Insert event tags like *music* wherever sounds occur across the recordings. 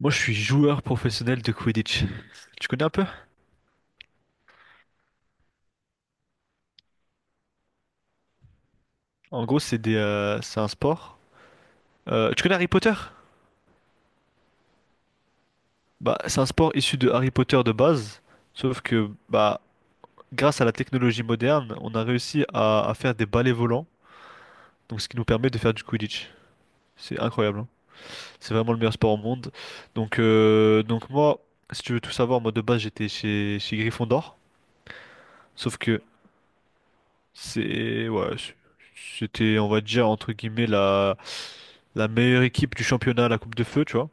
Moi, je suis joueur professionnel de Quidditch. Tu connais un peu? En gros, c'est des, c'est un sport. Tu connais Harry Potter? Bah, c'est un sport issu de Harry Potter de base, sauf que bah, grâce à la technologie moderne, on a réussi à faire des balais volants, donc ce qui nous permet de faire du Quidditch. C'est incroyable, hein. C'est vraiment le meilleur sport au monde. Donc moi, si tu veux tout savoir, moi de base j'étais chez Gryffondor, sauf que c'est ouais, c'était, on va dire entre guillemets, la meilleure équipe du championnat à la Coupe de Feu, tu vois.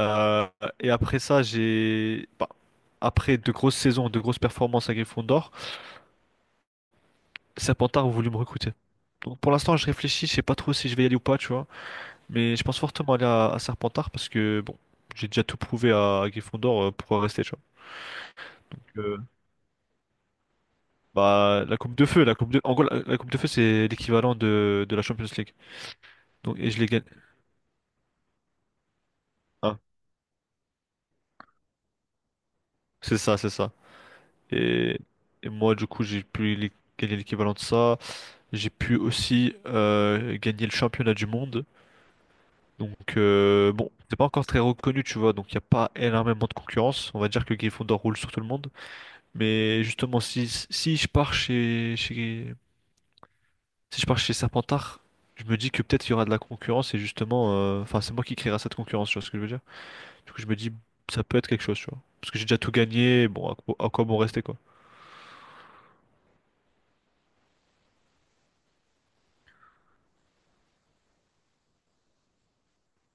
Euh, et après ça, j'ai bah, après de grosses saisons, de grosses performances à Gryffondor, Serpentard a voulu me recruter. Donc pour l'instant, je réfléchis, je sais pas trop si je vais y aller ou pas, tu vois. Mais je pense fortement aller à Serpentard parce que bon, j'ai déjà tout prouvé à Gryffondor pour rester, tu vois. Donc, euh, Bah la Coupe de Feu, la Coupe de en gros la Coupe de Feu, c'est l'équivalent de la Champions League. Donc, et je l'ai gagné. C'est ça, c'est ça. Et, et moi, du coup, gagner l'équivalent de ça. J'ai pu aussi gagner le championnat du monde. Donc, bon, c'est pas encore très reconnu, tu vois. Donc, il n'y a pas énormément de concurrence. On va dire que Gryffondor roule sur tout le monde. Mais justement, si je pars si je pars chez Serpentard, je me dis que peut-être il y aura de la concurrence. Et justement, enfin, c'est moi qui créera cette concurrence, tu vois ce que je veux dire. Du coup, je me dis, ça peut être quelque chose, tu vois. Parce que j'ai déjà tout gagné. Bon, à quoi bon rester, quoi.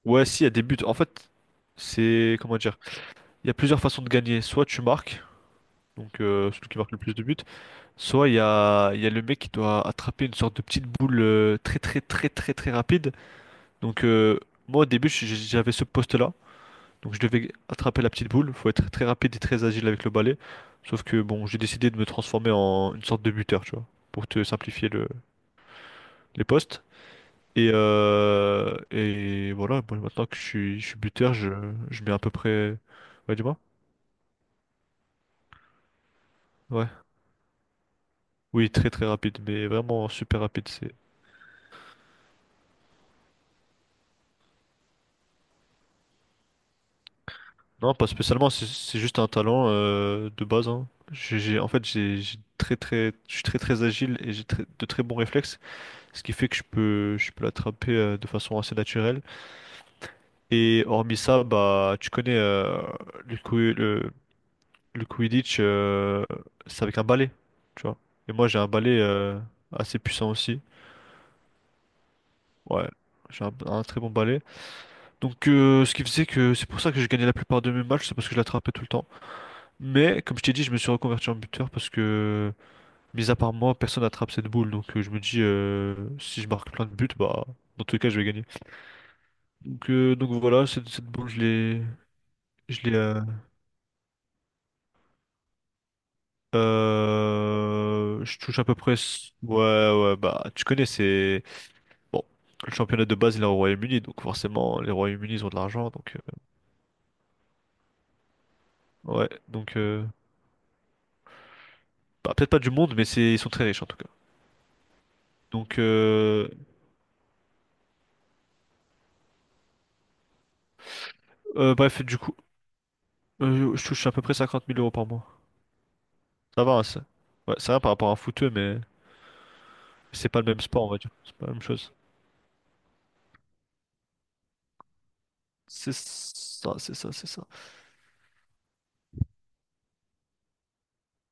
Ouais, si, il y a des buts. En fait, c'est... Comment dire? Il y a plusieurs façons de gagner. Soit tu marques, donc celui qui marque le plus de buts. Soit il y a le mec qui doit attraper une sorte de petite boule très très très très très rapide. Donc euh, Moi, au début, j'avais ce poste-là. Donc je devais attraper la petite boule. Faut être très rapide et très agile avec le balai. Sauf que bon, j'ai décidé de me transformer en une sorte de buteur, tu vois. Pour te simplifier le... les postes. Et voilà, bon, maintenant que je suis buteur, je mets à peu près. Ouais, dis-moi? Ouais. Oui, très très rapide, mais vraiment super rapide. C'est... Non, pas spécialement, c'est juste un talent de base, hein. En fait, j'ai très très, je suis très très agile et j'ai de très bons réflexes, ce qui fait que je peux l'attraper de façon assez naturelle. Et hormis ça, bah, tu connais le, coup- le, le Quidditch, c'est avec un balai, tu vois. Et moi, j'ai un balai assez puissant aussi. Ouais, j'ai un très bon balai. Donc, ce qui faisait que c'est pour ça que j'ai gagné la plupart de mes matchs, c'est parce que je l'attrapais tout le temps. Mais, comme je t'ai dit, je me suis reconverti en buteur parce que, mis à part moi, personne n'attrape cette boule. Donc, je me dis, si je marque plein de buts, bah, dans tous les cas, je vais gagner. Donc voilà, cette boule, je l'ai. Je l'ai. Je touche à peu près. Ouais, ouais, bah, tu connais, c'est. Bon, le championnat de base, il est au Royaume-Uni, donc forcément, les Royaumes-Unis, ils ont de l'argent, donc ouais, bah, peut-être pas du monde, mais c'est ils sont très riches en tout cas. Donc euh, euh, bref, du coup, je touche à peu près 50 000 € par mois. Ça va, hein, ça. Ouais, c'est rien par rapport à un footeux, mais c'est pas le même sport, on va dire. C'est pas la même chose. C'est ça, c'est ça, c'est ça.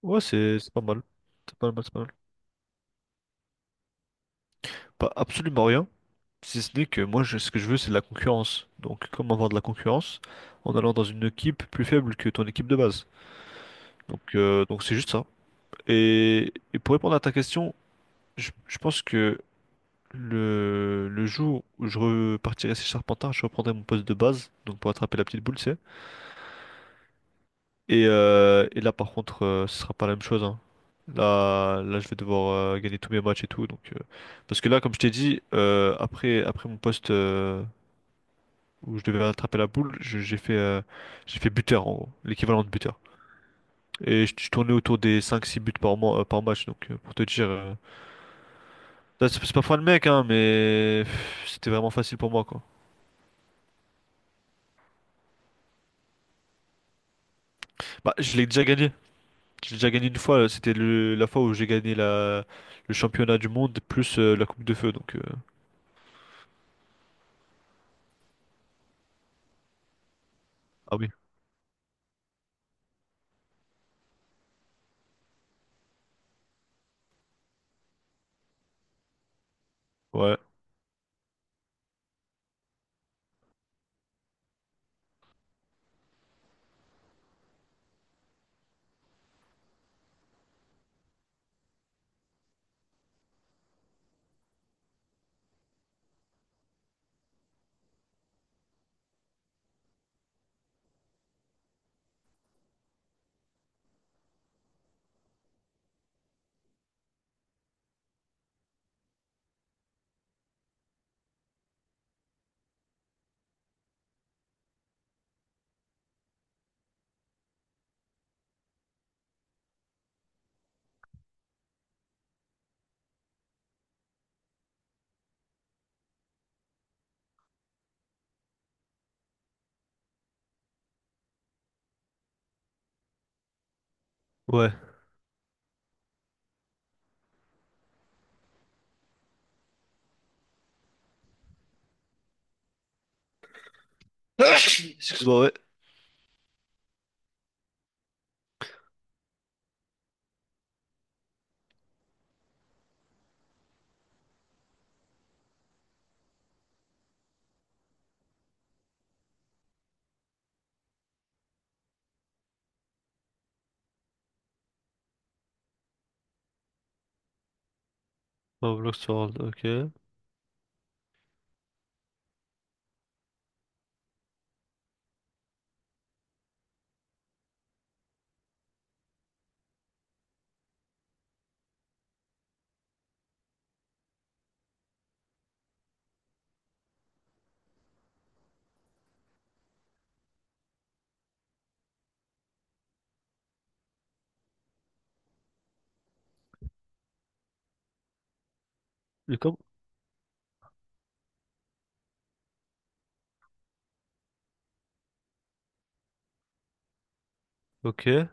Ouais, c'est pas mal. C'est pas mal, c'est pas mal. Pas absolument rien, si ce n'est que moi, ce que je veux, c'est de la concurrence. Donc, comment avoir de la concurrence? En allant dans une équipe plus faible que ton équipe de base. Donc c'est juste ça. Et pour répondre à ta question, je pense que le jour où je repartirai chez Charpentard, je reprendrai mon poste de base, donc pour attraper la petite boule, tu sais. Et là, par contre, ce sera pas la même chose, hein. Là, je vais devoir gagner tous mes matchs et tout. Donc, parce que là, comme je t'ai dit, après mon poste où je devais attraper la boule, j'ai fait buteur, en gros, l'équivalent de buteur. Et je tournais autour des 5 6 buts par match. Donc, pour te dire. Là, c'est pas fin de mec, hein, mais pff, c'était vraiment facile pour moi, quoi. Bah, je l'ai déjà gagné. Je l'ai déjà gagné une fois. C'était le... la fois où j'ai gagné la... le championnat du monde plus la Coupe de Feu, donc... euh. Ah oui. Ouais. Ouais. *coughs* Excuse-moi, ouais. Oh, Blox, ok. Et comme... Ok.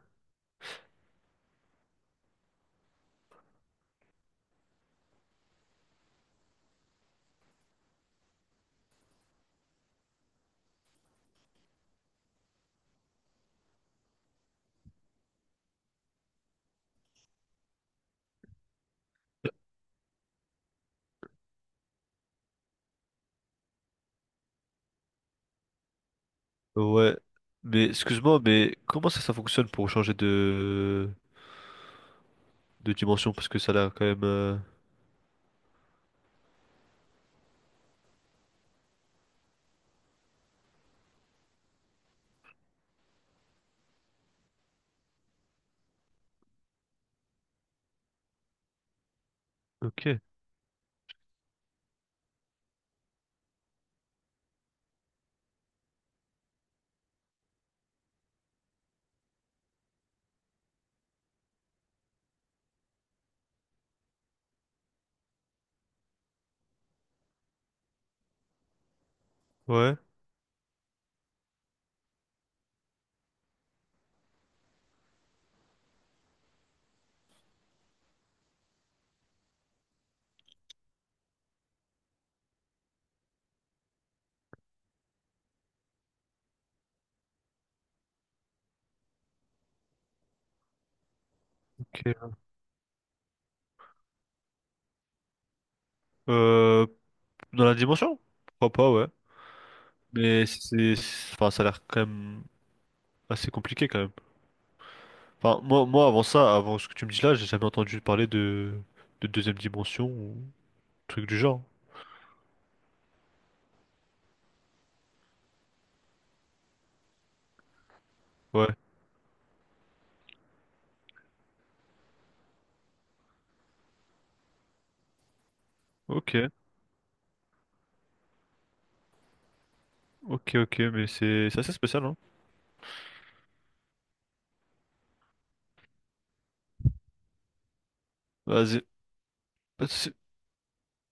Ouais. Mais excuse-moi, mais comment ça, ça fonctionne pour changer de dimension? Parce que ça a l'air quand même... euh. Ok. Ouais. Ok. Euh... Dans la dimension? Pourquoi pas, ouais. Mais c'est, enfin, ça a l'air quand même assez compliqué quand même. Enfin, moi, avant ça, avant ce que tu me dis là, j'ai jamais entendu parler de deuxième dimension ou truc du genre. Ouais. Ok, ok, mais c'est assez spécial, hein. Vas-y.